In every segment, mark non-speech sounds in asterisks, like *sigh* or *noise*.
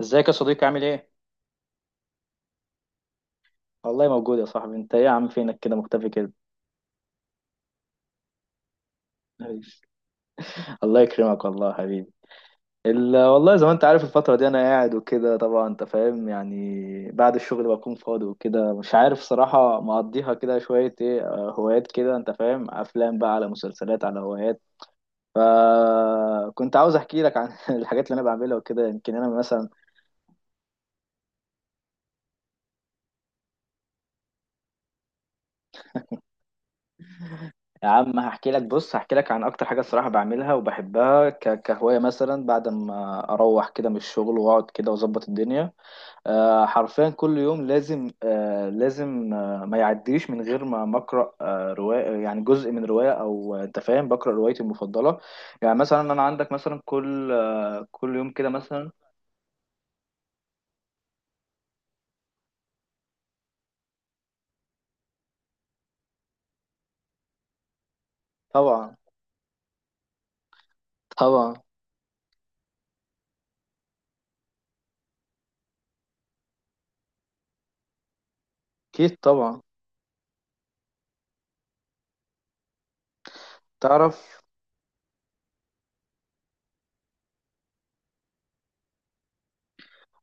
ازيك يا صديقي؟ عامل ايه؟ والله موجود يا صاحبي. انت ايه يا عم، فينك كده مختفي كده؟ حبيبي. الله يكرمك والله يا حبيبي. والله زي ما انت عارف الفترة دي انا قاعد وكده، طبعا انت فاهم، يعني بعد الشغل بكون فاضي وكده، مش عارف صراحة مقضيها كده شوية ايه. اه، هوايات كده، انت فاهم، افلام بقى على مسلسلات على هوايات. فكنت عاوز احكي لك عن *laughs* الحاجات اللي انا بعملها وكده، يمكن انا مثلا. يا عم هحكي لك، بص هحكي لك عن اكتر حاجه الصراحه بعملها وبحبها كهوايه، مثلا بعد ما اروح كده من الشغل واقعد كده واظبط الدنيا. حرفيا كل يوم لازم، لازم، ما يعديش من غير ما اقرا روايه، يعني جزء من روايه، او انت فاهم بقرا روايتي المفضله. يعني مثلا انا عندك مثلا كل يوم كده مثلا. طبعا. طبعا. اكيد طبعا. تعرف،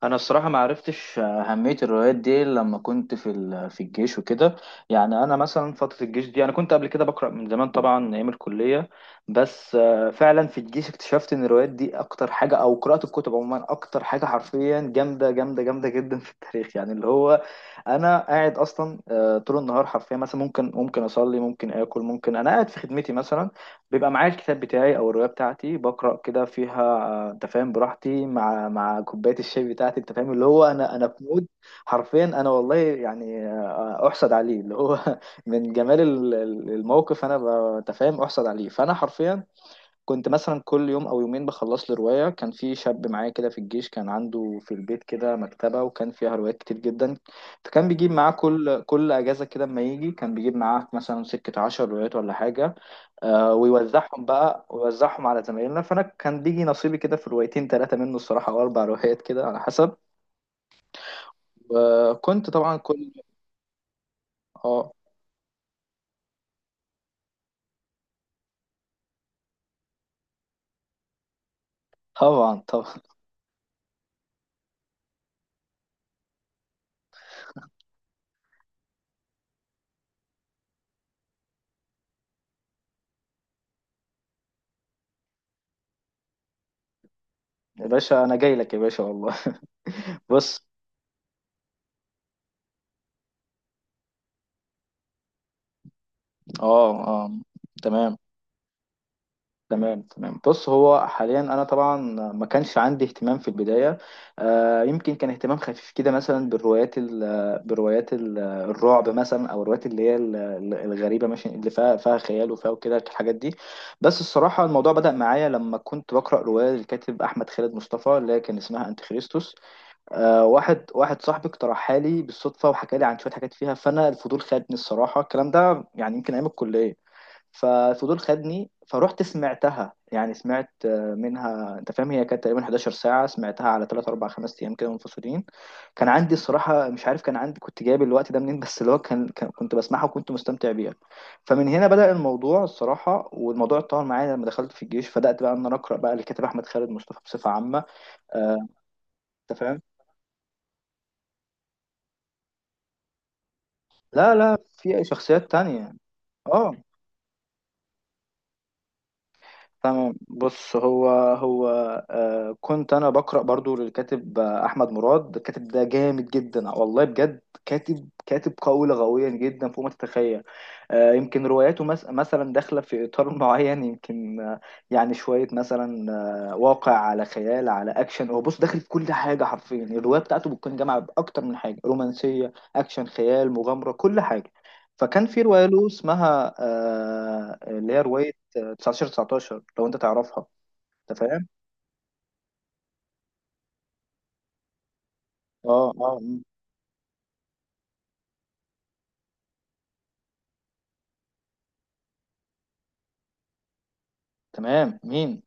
انا الصراحه ما عرفتش اهميه الروايات دي إلا لما كنت في الجيش وكده. يعني انا مثلا فتره الجيش دي، انا كنت قبل كده بقرا من زمان طبعا ايام الكليه، بس فعلا في الجيش اكتشفت ان الروايات دي اكتر حاجه، او قراءه الكتب عموما اكتر حاجه حرفيا جامده جامده جامده جدا في التاريخ، يعني اللي هو انا قاعد اصلا طول النهار حرفيا. مثلا ممكن اصلي، ممكن اكل، ممكن انا قاعد في خدمتي مثلا، بيبقى معايا الكتاب بتاعي او الروايه بتاعتي بقرا كده فيها، انت فاهم، براحتي، مع كوبايه الشاي بتاعتي، انت فاهم، اللي هو انا في مود. حرفيا انا والله يعني احسد عليه، اللي هو *laughs* من جمال الموقف. انا انت فاهم، احسد عليه، فانا حرفيا كنت مثلا كل يوم او يومين بخلص لي روايه. كان في شاب معايا كده في الجيش، كان عنده في البيت كده مكتبه، وكان فيها روايات كتير جدا. فكان بيجيب معاه كل اجازه كده، اما يجي كان بيجيب معاه مثلا سكه 10 روايات ولا حاجه، ويوزعهم بقى، ويوزعهم على زمايلنا. فانا كان بيجي نصيبي كده في روايتين ثلاثه منه الصراحه، او اربع روايات كده على حسب. وكنت طبعا كل. اه. طبعا طبعا. يا باشا انا جاي لك يا باشا والله. *laughs* بص. اه، اه، تمام. تمام، تمام، بص، هو حاليا انا طبعا ما كانش عندي اهتمام في البدايه. آه يمكن كان اهتمام خفيف كده مثلا بالروايات الرعب مثلا، او الروايات اللي هي الغريبه، ماشي، اللي فيها، فيها خيال وفيها وكده الحاجات دي. بس الصراحه الموضوع بدا معايا لما كنت بقرا روايه للكاتب احمد خالد مصطفى اللي هي كان اسمها انتي خريستوس. آه، واحد صاحبي اقترحها لي بالصدفه، وحكى لي عن شويه حاجات فيها، فانا الفضول خدني الصراحه. الكلام ده يعني يمكن ايام الكليه. ففضول خدني، فروحت سمعتها، يعني سمعت منها، انت فاهم، هي كانت تقريبا 11 ساعة، سمعتها على 3 4 5 ايام كده منفصلين. كان عندي الصراحة مش عارف، كان عندي، كنت جايب الوقت ده منين، بس اللي هو كان كنت بسمعها وكنت مستمتع بيها. فمن هنا بدأ الموضوع الصراحة، والموضوع اتطور معايا لما دخلت في الجيش، فبدأت بقى ان انا اقرأ بقى للكاتب احمد خالد مصطفى بصفة عامة. آه، انت فاهم. لا لا، في شخصيات تانية. اه، تمام، بص، هو، هو، آه كنت انا بقرا برضو للكاتب، احمد مراد. الكاتب ده جامد جدا والله بجد، كاتب، كاتب قوي لغويا جدا فوق ما تتخيل. آه يمكن رواياته مثلا داخله في اطار *laughs* معين، يمكن آه، يعني شويه مثلا واقع على خيال على اكشن. هو بص داخل في كل حاجه حرفيا، الروايه بتاعته بتكون جامعه باكتر من حاجه، رومانسيه، اكشن، خيال، مغامره، كل حاجه. فكان في رواية له اسمها اللي هي رواية 19 19 لو انت تعرفها، انت فاهم. اه، اه. مم. تمام، مين؟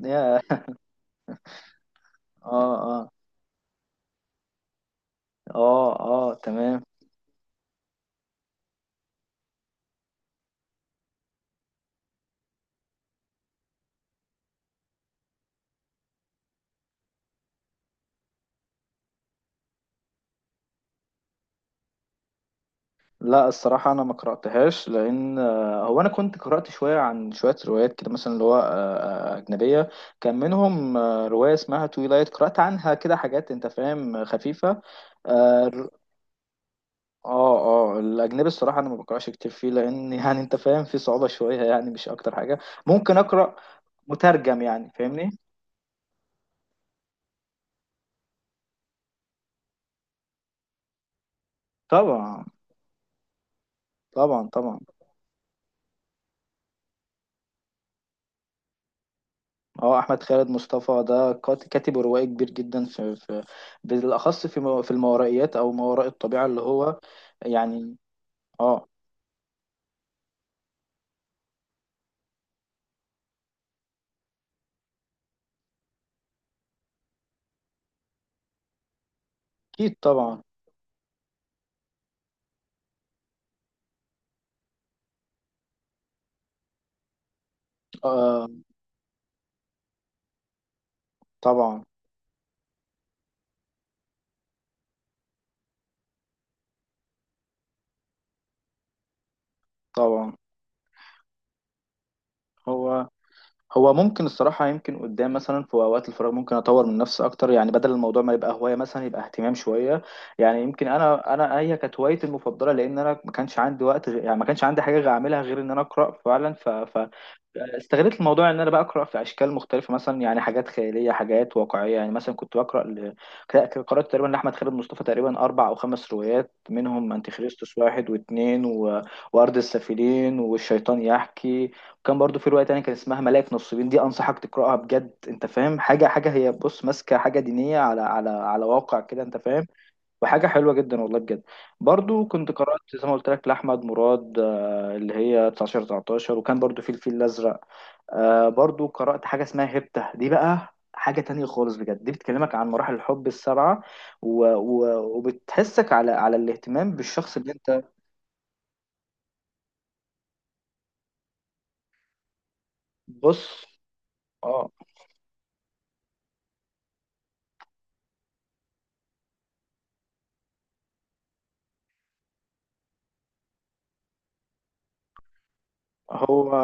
يا. *laughs* اه، اه. اه، اه، تمام. لا الصراحة أنا ما قرأتهاش لأن هو أنا كنت قرأت شوية عن شوية روايات كده مثلا، اللي هو أجنبية، كان منهم رواية اسمها تويلايت، قرأت عنها كده حاجات، أنت فاهم، خفيفة. اه. اه. الأجنبي الصراحة أنا ما بقرأش كتير فيه، لأن *laughs* يعني أنت فاهم في صعوبة شوية، يعني مش أكتر حاجة. ممكن أقرأ مترجم، يعني فاهمني. طبعا. طبعا طبعا. هو احمد خالد مصطفى ده كاتب روائي كبير جدا في، في، بالاخص في في الماورائيات او ما وراء الطبيعه، اللي هو يعني. اه، اكيد طبعا. آه، طبعا طبعا. هو، هو ممكن الصراحة يمكن قدام مثلا في أوقات الفراغ ممكن أطور من نفسي أكتر، يعني بدل الموضوع ما يبقى هواية مثلا يبقى اهتمام شوية. يعني يمكن أنا، أنا هي كانت هوايتي المفضلة لأن أنا ما كانش عندي وقت، يعني ما كانش عندي حاجة غير أعملها غير إن أنا أقرأ فعلا، استغلت الموضوع ان انا بقرا في اشكال مختلفه مثلا، يعني حاجات خياليه، حاجات واقعيه. يعني مثلا كنت بقرا قرات تقريبا لاحمد خالد مصطفى تقريبا اربع او خمس روايات، منهم انتي خريستوس واحد واثنين وارض السافلين والشيطان يحكي. كان برضو في رواية تانية كان اسمها ملاك نصيبين، دي أنصحك تقرأها بجد أنت فاهم. حاجة هي بص ماسكة حاجة دينية على واقع كده أنت فاهم، وحاجة حلوة جدا والله بجد. برضو كنت قرأت زي ما قلت لك لأحمد مراد، اللي هي 19 19، وكان برضو في الفيل الأزرق. برضو قرأت حاجة اسمها هبتة، دي بقى حاجة تانية خالص بجد، دي بتكلمك عن مراحل الحب السبعة، و... و... وبتحسك على على الاهتمام بالشخص اللي أنت. بص. اه. هو،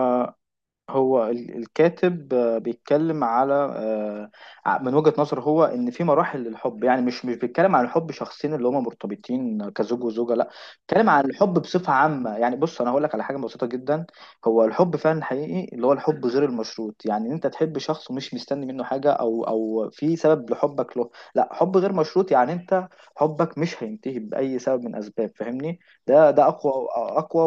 هو الكاتب بيتكلم من وجهة نظره هو ان في مراحل للحب. يعني مش بيتكلم عن الحب شخصين اللي هما مرتبطين كزوج وزوجة، لا، بيتكلم عن الحب بصفة عامة. يعني بص انا هقول لك على حاجة بسيطة جدا. هو الحب فعلا حقيقي اللي هو الحب غير المشروط، يعني ان انت تحب شخص ومش مستني منه حاجة، او في سبب لحبك له، لا، حب غير مشروط، يعني انت حبك مش هينتهي بأي سبب من اسباب، فاهمني؟ ده اقوى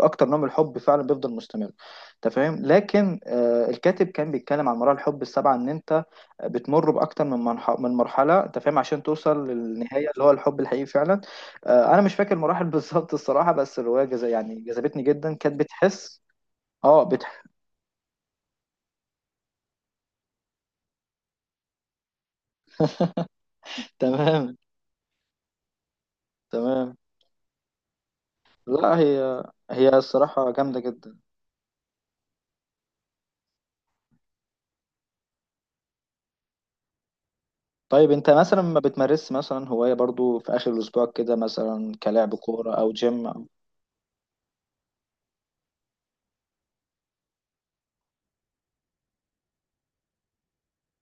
واكتر نوع من الحب فعلا بيفضل مستمر. انت فاهم، لكن الكاتب كان بيتكلم عن مراحل الحب السبعه، ان انت بتمر باكتر من من مرحله، انت فاهم، عشان توصل للنهايه اللي هو الحب الحقيقي فعلا. انا مش فاكر المراحل *laughs* بالظبط الصراحه، بس الروايه يعني جذبتني جدا، كانت بتحس. اه، *laughs* تمام. تمام. لا هي، هي الصراحه جامده جدا. طيب انت مثلا ما بتمارس مثلا هوايه برضو في اخر الاسبوع كده مثلا، كلاعب كوره او جيم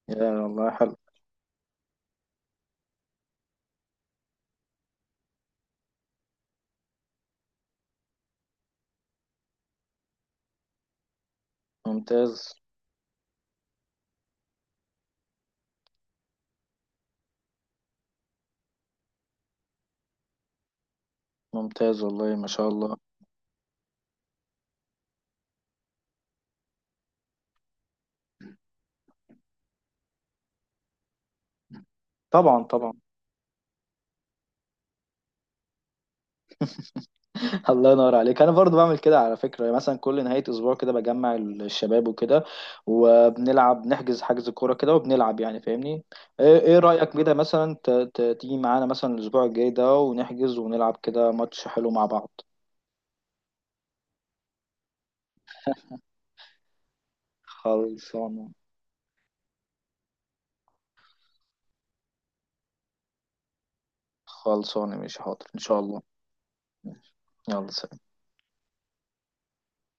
يا والله حلو. ممتاز. ممتاز والله ما شاء الله. طبعا طبعا. الله ينور عليك. انا برضو بعمل كده على فكره. يعني مثلا كل نهايه اسبوع كده بجمع الشباب وكده، وبنلعب، نحجز حجز كوره كده وبنلعب، يعني فاهمني. ايه، إيه رايك كده مثلا تيجي معانا مثلا الاسبوع الجاي ده ونحجز ونلعب كده ماتش حلو مع بعض؟ خلصانه. خلصانه، مش حاضر ان شاء الله. ماشي. يلا سلام.